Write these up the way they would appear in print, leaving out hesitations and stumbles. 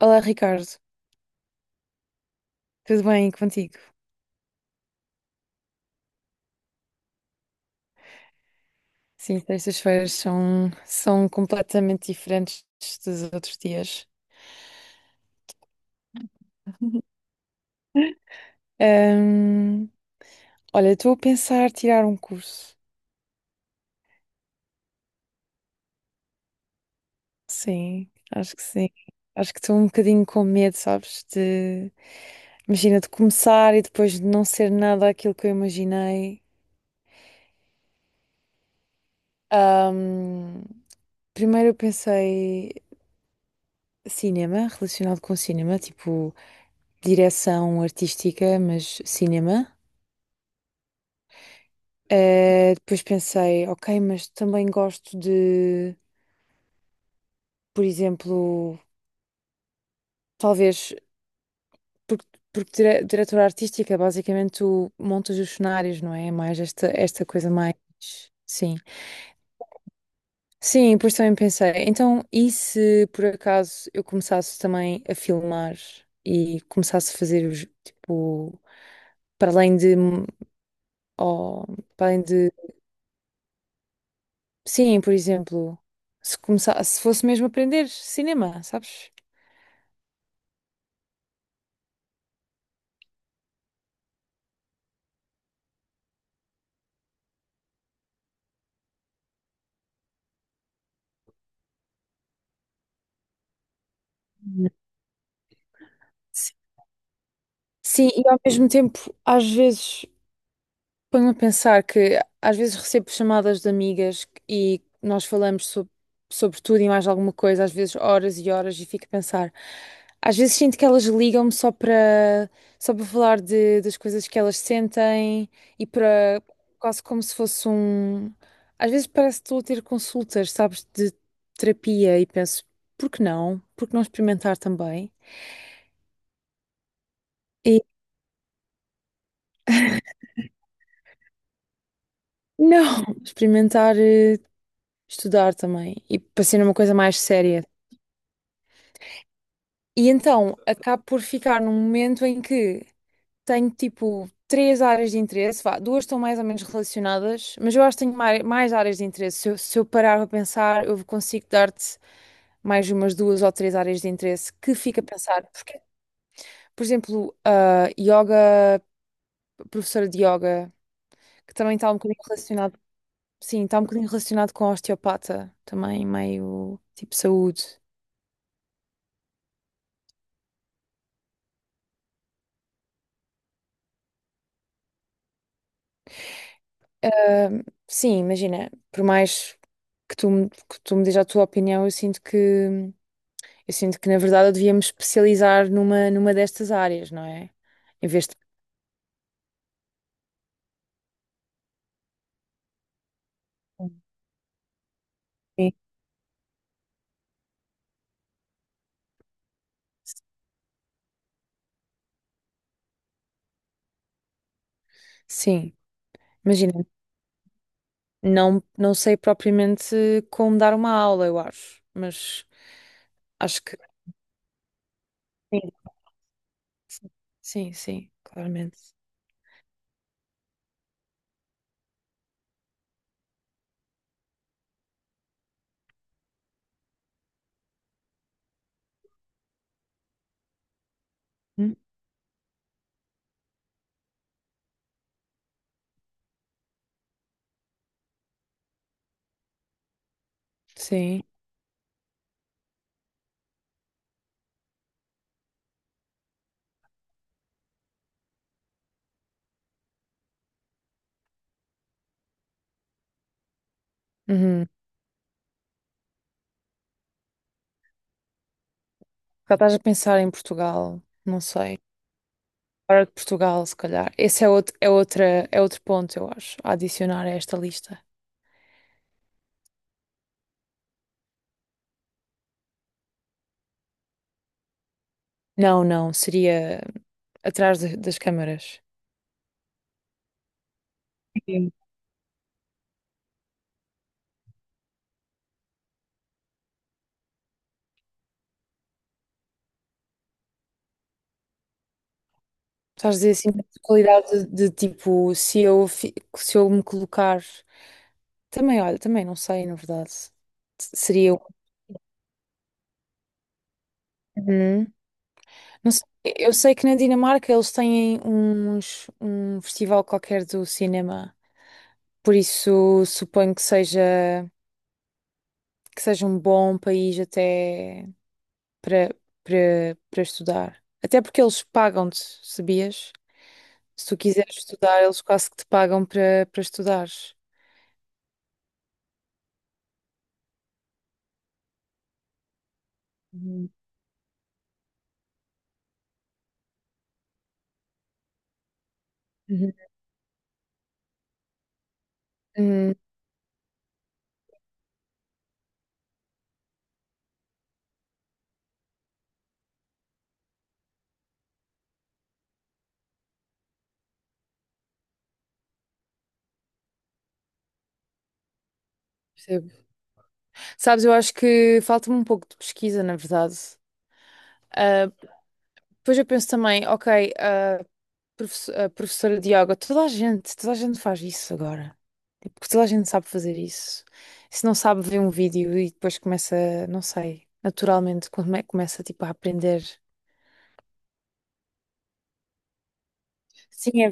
Olá, Ricardo. Tudo bem contigo? Sim, terças-feiras são completamente diferentes dos outros dias. Ahm, Olha, estou a pensar tirar um curso. Sim. Acho que estou um bocadinho com medo, sabes? Imagina, de começar e depois de não ser nada aquilo que eu imaginei. Ahm, Primeiro eu pensei cinema, relacionado com cinema, tipo direção artística, mas cinema. Depois pensei, ok, mas também gosto de, por exemplo, talvez, porque, porque diretora artística, basicamente tu montas os cenários, não é? É mais esta coisa mais. Sim. Sim, depois também pensei, então, e se por acaso eu começasse também a filmar e começasse a fazer os, tipo, para além de, ó, para além de, sim, por exemplo, se fosse mesmo aprender cinema, sabes? Sim, e ao mesmo tempo, às vezes, ponho-me a pensar que às vezes recebo chamadas de amigas e nós falamos sobre tudo e mais alguma coisa, às vezes horas e horas, e fico a pensar. Às vezes sinto que elas ligam-me só para falar das coisas que elas sentem e para quase como se fosse um. Às vezes parece que estou a ter consultas, sabes, de terapia e penso, por que não? Por que não experimentar também? E não, experimentar, estudar também e para ser uma coisa mais séria. E então acabo por ficar num momento em que tenho tipo três áreas de interesse, vá, duas estão mais ou menos relacionadas, mas eu acho que tenho mais, áreas de interesse. Se eu parar para pensar, eu consigo dar-te mais umas duas ou três áreas de interesse que fica a pensar. Porque, por exemplo, a yoga, professora de yoga, que também está um bocadinho relacionado, sim, está um bocadinho relacionado com a osteopata, também meio tipo saúde. Ahm, Sim, imagina, por mais que tu me dês a tua opinião, eu sinto que na verdade eu devia me especializar numa destas áreas, não é? Em vez de. Sim. Sim, imagina, não, não sei propriamente como dar uma aula, eu acho, mas acho que sim. Sim, sim, claramente. Hum? Sim. Uhum. Já estás a pensar em Portugal, não sei. Fora de Portugal, se calhar. Esse é outro, é outra, é outro ponto, eu acho, a adicionar a esta lista. Não, não, seria atrás das câmaras. Estás a dizer assim, de qualidade de tipo, se eu me colocar. Também, olha, também não sei, na verdade. Seria. Um. Uhum. Não sei. Eu sei que na Dinamarca eles têm uns, um festival qualquer do cinema. Por isso, suponho que seja, um bom país até. para, para estudar. Até porque eles pagam-te, sabias? Se tu quiseres estudar, eles quase que te pagam para estudares. Uhum. Uhum. Hum, Percebo. Sabes, eu acho que falta-me um pouco de pesquisa, na verdade. Ah, depois eu penso também, ok, a professora de yoga, toda a gente faz isso agora. Tipo, toda a gente sabe fazer isso. Se não sabe, vê um vídeo e depois começa, não sei, naturalmente, começa tipo a aprender. Sim, é.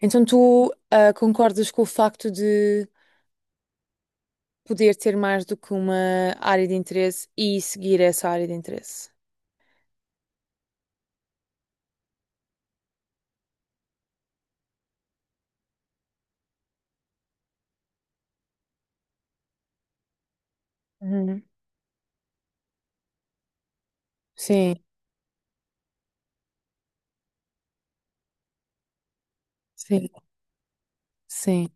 Então tu, concordas com o facto de poder ter mais do que uma área de interesse e seguir essa área de interesse? Uhum. Sim, sim, sim,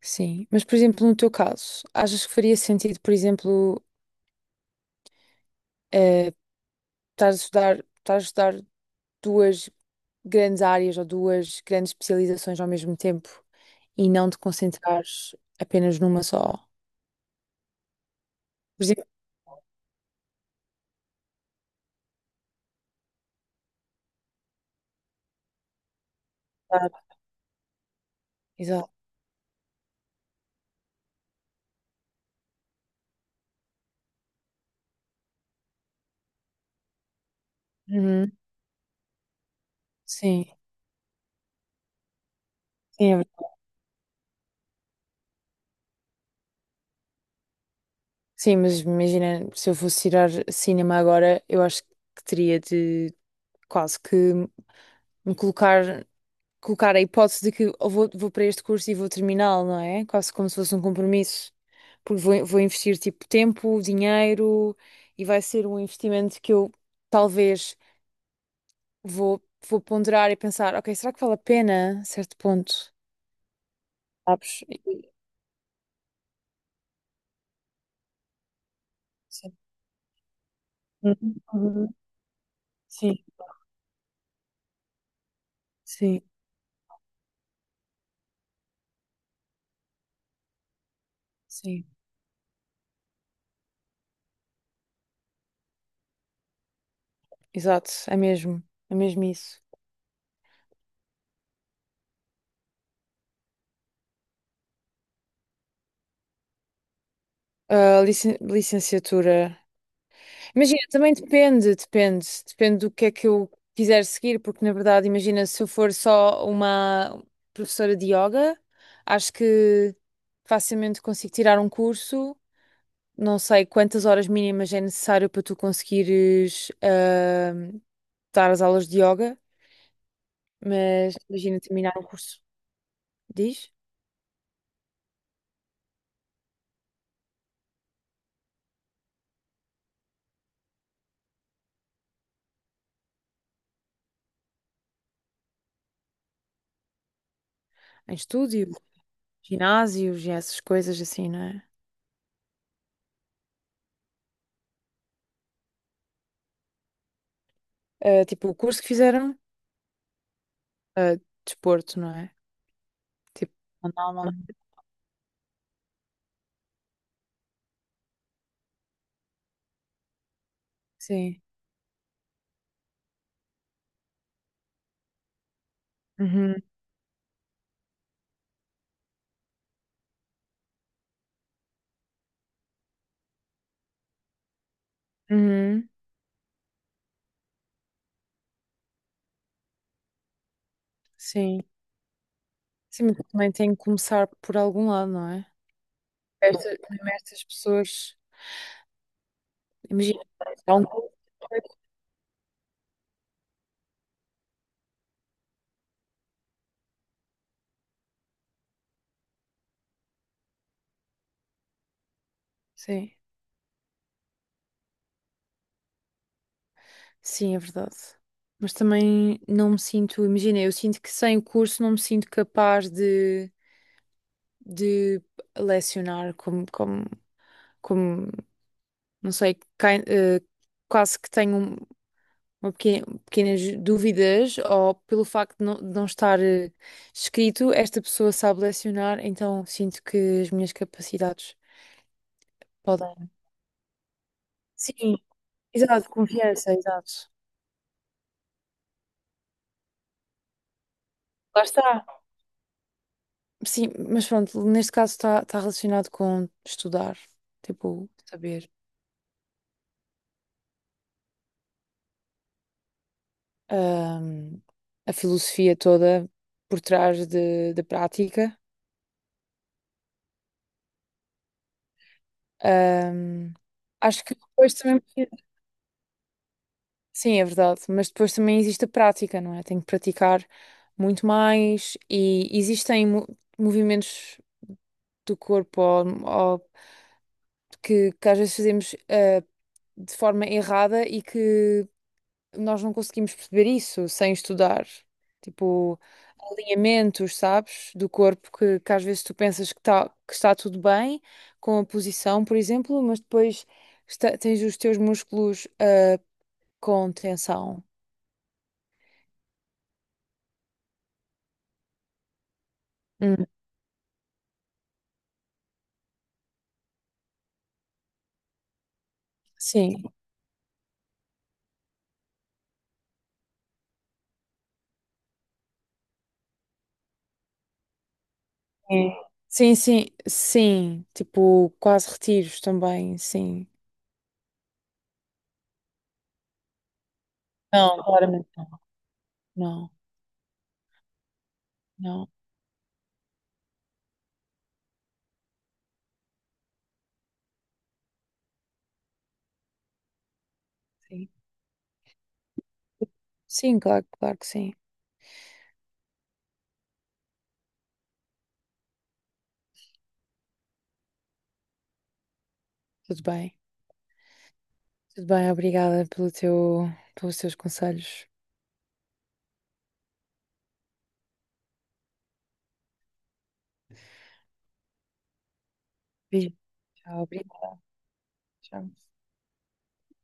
sim. Mas, por exemplo, no teu caso, achas que faria sentido, por exemplo, eh, estar a estudar duas grandes áreas ou duas grandes especializações ao mesmo tempo e não te concentrares apenas numa só? Por exemplo, exato. Exato. Uhum. Sim, sim, é. Sim, mas imagina, se eu fosse tirar cinema agora, eu acho que teria de quase que me colocar, colocar a hipótese de que eu vou, vou para este curso e vou terminá-lo, não é? Quase como se fosse um compromisso. Porque vou investir tipo tempo, dinheiro e vai ser um investimento que eu talvez vou, vou ponderar e pensar, ok, será que vale a pena a certo ponto? Sabes? E. Sim. Uhum. Sim, sim, sim. Exato, é mesmo isso. Ah, licenciatura. Imagina, também depende do que é que eu quiser seguir, porque na verdade, imagina, se eu for só uma professora de yoga, acho que facilmente consigo tirar um curso. Não sei quantas horas mínimas é necessário para tu conseguires dar as aulas de yoga, mas imagina terminar um curso, diz? Em estúdio, ginásios e essas coisas assim, não é? Ah, tipo, o curso que fizeram, ah, desporto, não é? Tipo, não, não. Sim. Uhum, uhum. Sim. Sim, mas também tem que começar por algum lado, não é? Estas, mesmo estas pessoas. Imagina. Há um. Sim. Sim, é verdade. Mas também não me sinto. Imagina, eu sinto que sem o curso não me sinto capaz de lecionar como. Não sei, quase que tenho uma pequena, pequenas dúvidas ou pelo facto de não, estar escrito, esta pessoa sabe lecionar, então sinto que as minhas capacidades podem. Sim, exato, confiança, exato. Lá está. Sim, mas pronto, neste caso está relacionado com estudar, tipo, saber ahm, a filosofia toda por trás da prática. Ahm, Acho que depois também. Sim, é verdade, mas depois também existe a prática, não é? Tenho que praticar muito mais e existem movimentos do corpo ou que às vezes fazemos de forma errada e que nós não conseguimos perceber isso sem estudar. Tipo, alinhamentos, sabes, do corpo que às vezes tu pensas que, tá, que está tudo bem com a posição, por exemplo, mas depois tens os teus músculos com tensão. Hum, sim. Sim, sim, sim, sim, tipo, quase retiros também, sim. Não, claramente não. Não, não, sim. Sim, claro, claro que sim. Tudo bem. Tudo bem, obrigada pelo teu, pelos teus conselhos. Beijo. Tchau, obrigada. Tchau.